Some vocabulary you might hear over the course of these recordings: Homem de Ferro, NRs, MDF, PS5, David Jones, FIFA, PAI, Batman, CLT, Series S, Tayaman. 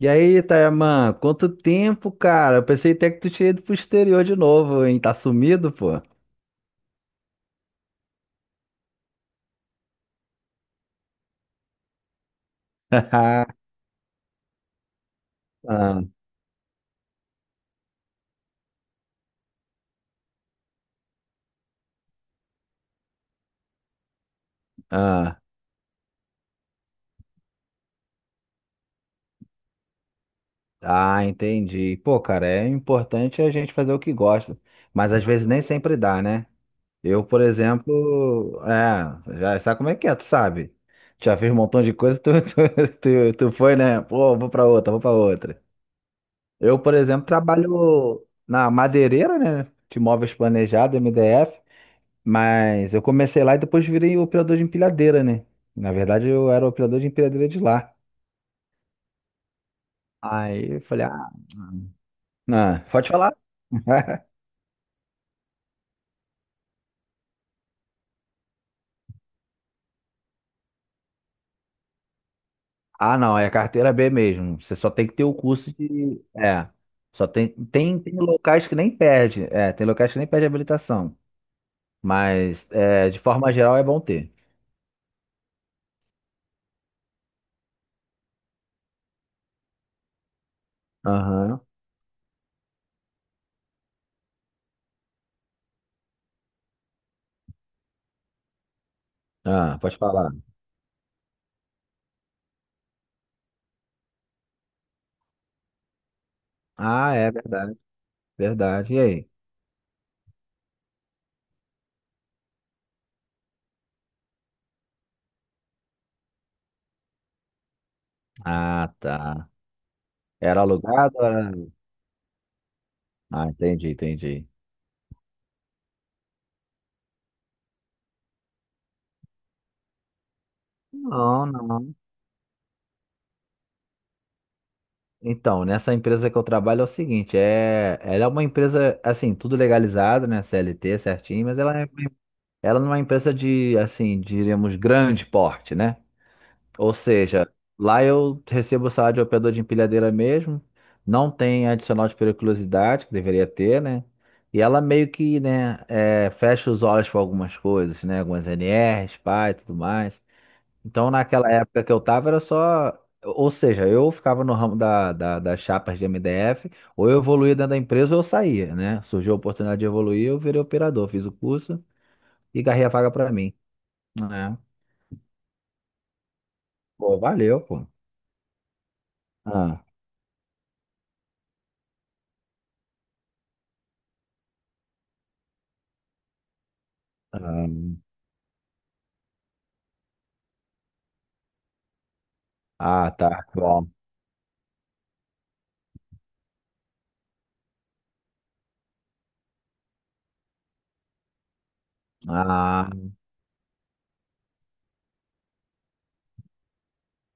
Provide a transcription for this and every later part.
E aí, Tayaman, quanto tempo, cara? Eu pensei até que tu tinha ido pro exterior de novo, hein? Tá sumido, pô? Ah, ah, ah, entendi. Pô, cara, é importante a gente fazer o que gosta, mas às vezes nem sempre dá, né? Eu, por exemplo, já sabe como é que é, tu sabe? Já fiz um montão de coisa, tu, tu foi, né? Pô, vou pra outra, vou pra outra. Eu, por exemplo, trabalho na madeireira, né? De móveis planejados, MDF. Mas eu comecei lá e depois virei operador de empilhadeira, né? Na verdade, eu era operador de empilhadeira de lá. Aí eu falei, ah. Ah, pode falar? Ah, não, é carteira B mesmo. Você só tem que ter o curso de. É. Só tem locais que nem perde. É, tem locais que nem perde habilitação. Mas, de forma geral, é bom ter. Aham. Ah, pode falar. Ah, é verdade, verdade. E aí? Ah, tá. Era alugado? Era... Ah, entendi, entendi. Não, não. Então, nessa empresa que eu trabalho é o seguinte, ela é uma empresa, assim, tudo legalizado, né, CLT certinho, mas ela ela não é uma empresa de, assim, diríamos, grande porte, né? Ou seja, lá eu recebo o salário de operador de empilhadeira mesmo, não tem adicional de periculosidade, que deveria ter, né? E ela meio que, né, fecha os olhos para algumas coisas, né, algumas NRs, PAI tudo mais. Então, naquela época que eu tava, era só. Ou seja, eu ficava no ramo das chapas de MDF, ou eu evoluía dentro da empresa ou eu saía, né? Surgiu a oportunidade de evoluir, eu virei operador, fiz o curso e garrei a vaga pra mim. É. Pô, valeu, pô. Ah, ah, ah, tá. Bom. Ah,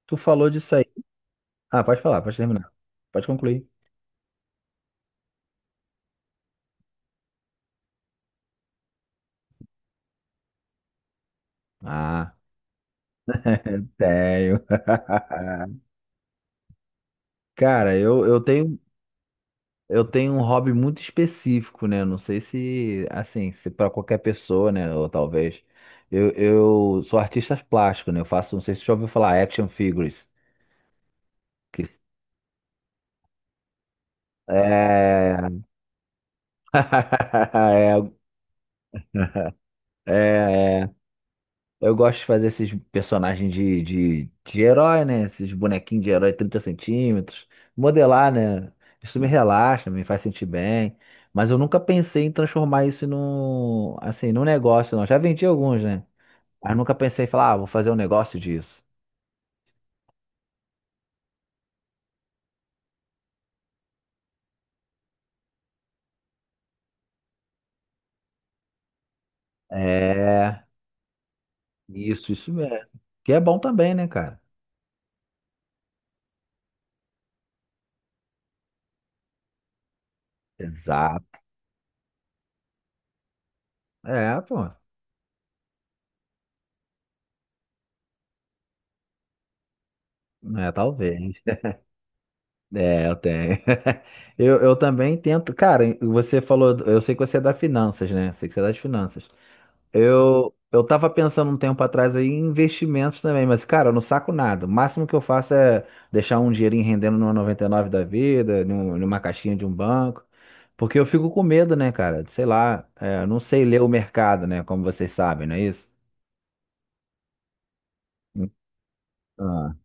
tu falou disso aí. Ah, pode falar, pode terminar. Pode concluir. Ah, tenho. Cara, eu tenho. Eu tenho um hobby muito específico, né? Não sei se, assim, se para qualquer pessoa, né? Ou talvez. Eu sou artista plástico, né? Eu faço, não sei se você já ouviu falar, action figures. Que é... é, é, é. Eu gosto de fazer esses personagens de herói, né? Esses bonequinhos de herói 30 centímetros. Modelar, né? Isso me relaxa, me faz sentir bem. Mas eu nunca pensei em transformar isso num, assim, num negócio, não. Já vendi alguns, né? Mas nunca pensei em falar, ah, vou fazer um negócio disso. É, isso mesmo. Que é bom também, né, cara? Exato. É, pô. É, talvez. É, eu tenho. Eu também tento. Cara, você falou, eu sei que você é da finanças, né? Eu sei que você é das finanças. Eu tava pensando um tempo atrás aí em investimentos também, mas, cara, eu não saco nada. O máximo que eu faço é deixar um dinheirinho rendendo numa 99 da vida, numa caixinha de um banco. Porque eu fico com medo, né, cara? Sei lá, eu não sei ler o mercado, né? Como vocês sabem, não é isso? Hum. Ah,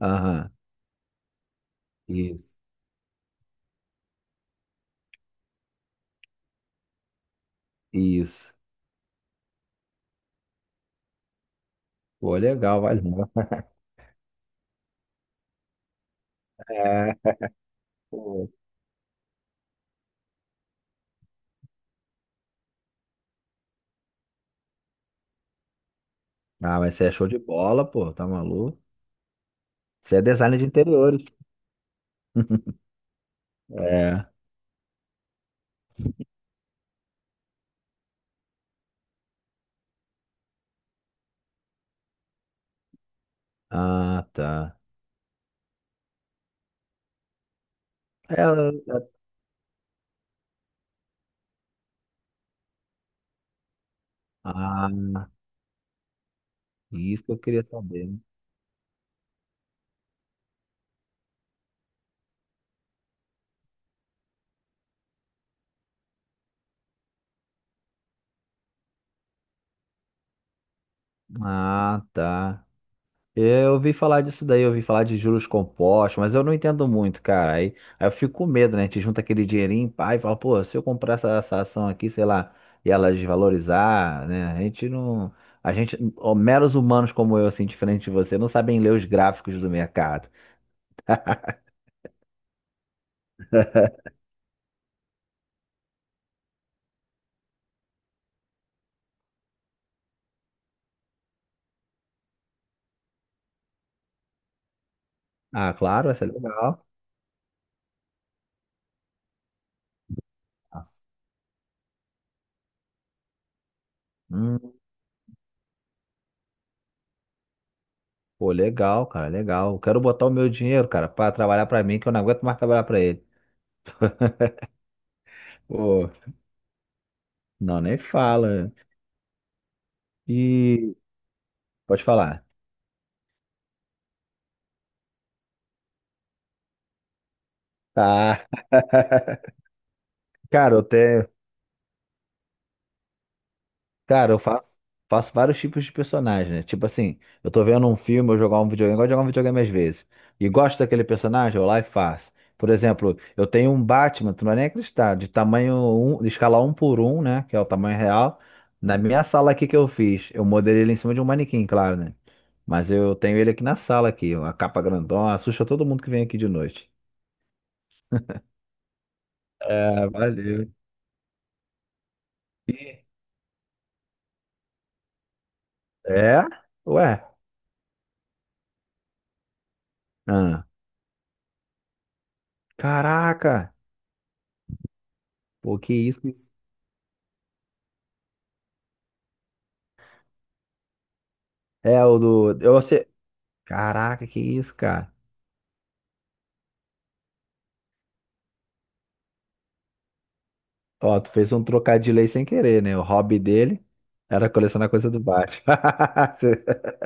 aham, isso, isso. Pô, legal, valeu. É, pô. Ah, mas você é show de bola, pô, tá maluco? Você é designer de interiores. É. Ah, tá. É. Ah, isso que eu queria saber. Ah, tá. Eu ouvi falar disso daí, eu ouvi falar de juros compostos, mas eu não entendo muito, cara. Aí eu fico com medo, né? A gente junta aquele dinheirinho, pai, e fala, pô, se eu comprar essa ação aqui, sei lá, e ela desvalorizar, né? A gente não. A gente, ó, meros humanos como eu, assim, diferente de você, não sabem ler os gráficos do mercado. Ah, claro, essa é legal. Hum, pô, legal, cara, legal. Quero botar o meu dinheiro, cara, pra trabalhar pra mim, que eu não aguento mais trabalhar pra ele. Pô. Não, nem fala. E pode falar. Tá. Cara, eu até, cara, eu faço, faço vários tipos de personagem, né? Tipo assim, eu tô vendo um filme, eu jogar um videogame, eu gosto de jogar um videogame às vezes. E gosto daquele personagem, eu vou lá e faço. Por exemplo, eu tenho um Batman, tu não vai nem acreditar, de tamanho um, de escala um por um, né? Que é o tamanho real. Na minha sala aqui que eu fiz, eu modelei ele em cima de um manequim, claro, né? Mas eu tenho ele aqui na sala aqui, uma capa grandona, assusta todo mundo que vem aqui de noite. É, valeu. Sim. É? Ué. Ah. Caraca. Pô, que isso? Que isso? É, o do. Eu, você... Caraca, que isso, cara. Ó, tu fez um trocadilho aí sem querer, né? O hobby dele era colecionar coisa do baixo.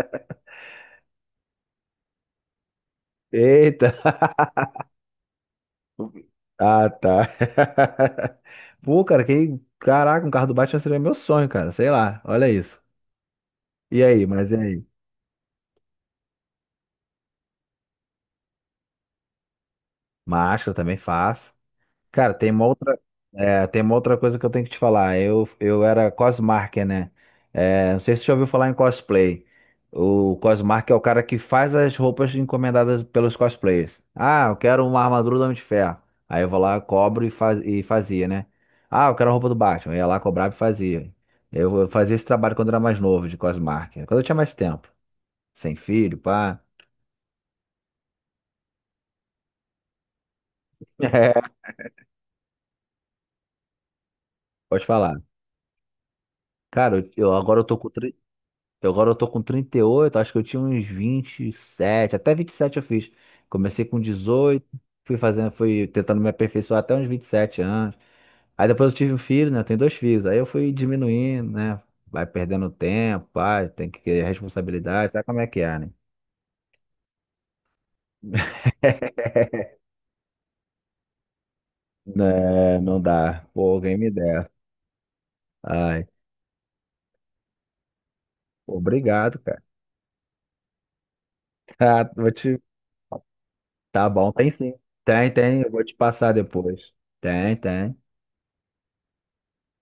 Eita. Ah, tá. Pô, cara, que. Caraca, um carro do Batman seria meu sonho, cara. Sei lá, olha isso. E aí, mas e aí? Macho, eu também faço. Cara, tem uma outra, tem uma outra coisa que eu tenho que te falar. Eu era cosmarker, né? Não sei se você já ouviu falar em cosplay. O cosmarker é o cara que faz as roupas encomendadas pelos cosplayers. Ah, eu quero uma armadura do Homem de Ferro. Aí eu vou lá, cobro e, faz, e fazia, né? Ah, eu quero a roupa do Batman. Eu ia lá, cobrava e fazia. Eu fazia esse trabalho quando era mais novo, de cosmarker. Quando eu tinha mais tempo. Sem filho, pá. É. Pode falar. Cara, agora eu tô com. Eu agora eu tô com 38, acho que eu tinha uns 27, até 27 eu fiz. Comecei com 18, fui fazendo, fui tentando me aperfeiçoar até uns 27 anos. Aí depois eu tive um filho, né? Eu tenho dois filhos. Aí eu fui diminuindo, né? Vai perdendo tempo, pai, tem que ter responsabilidade, sabe como é que é, né? Né, não dá. Pô, alguém me der. Ai, obrigado, cara. Tá, vou te... Tá bom, tem sim. Tem, eu vou te passar depois. Tem, tem.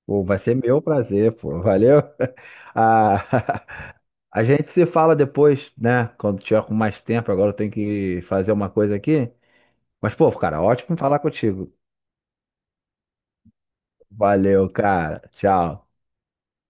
Pô, vai ser meu prazer, pô. Valeu. A, a gente se fala depois, né? Quando tiver com mais tempo, agora eu tenho que fazer uma coisa aqui. Mas, pô, cara, ótimo falar contigo. Valeu, cara. Tchau.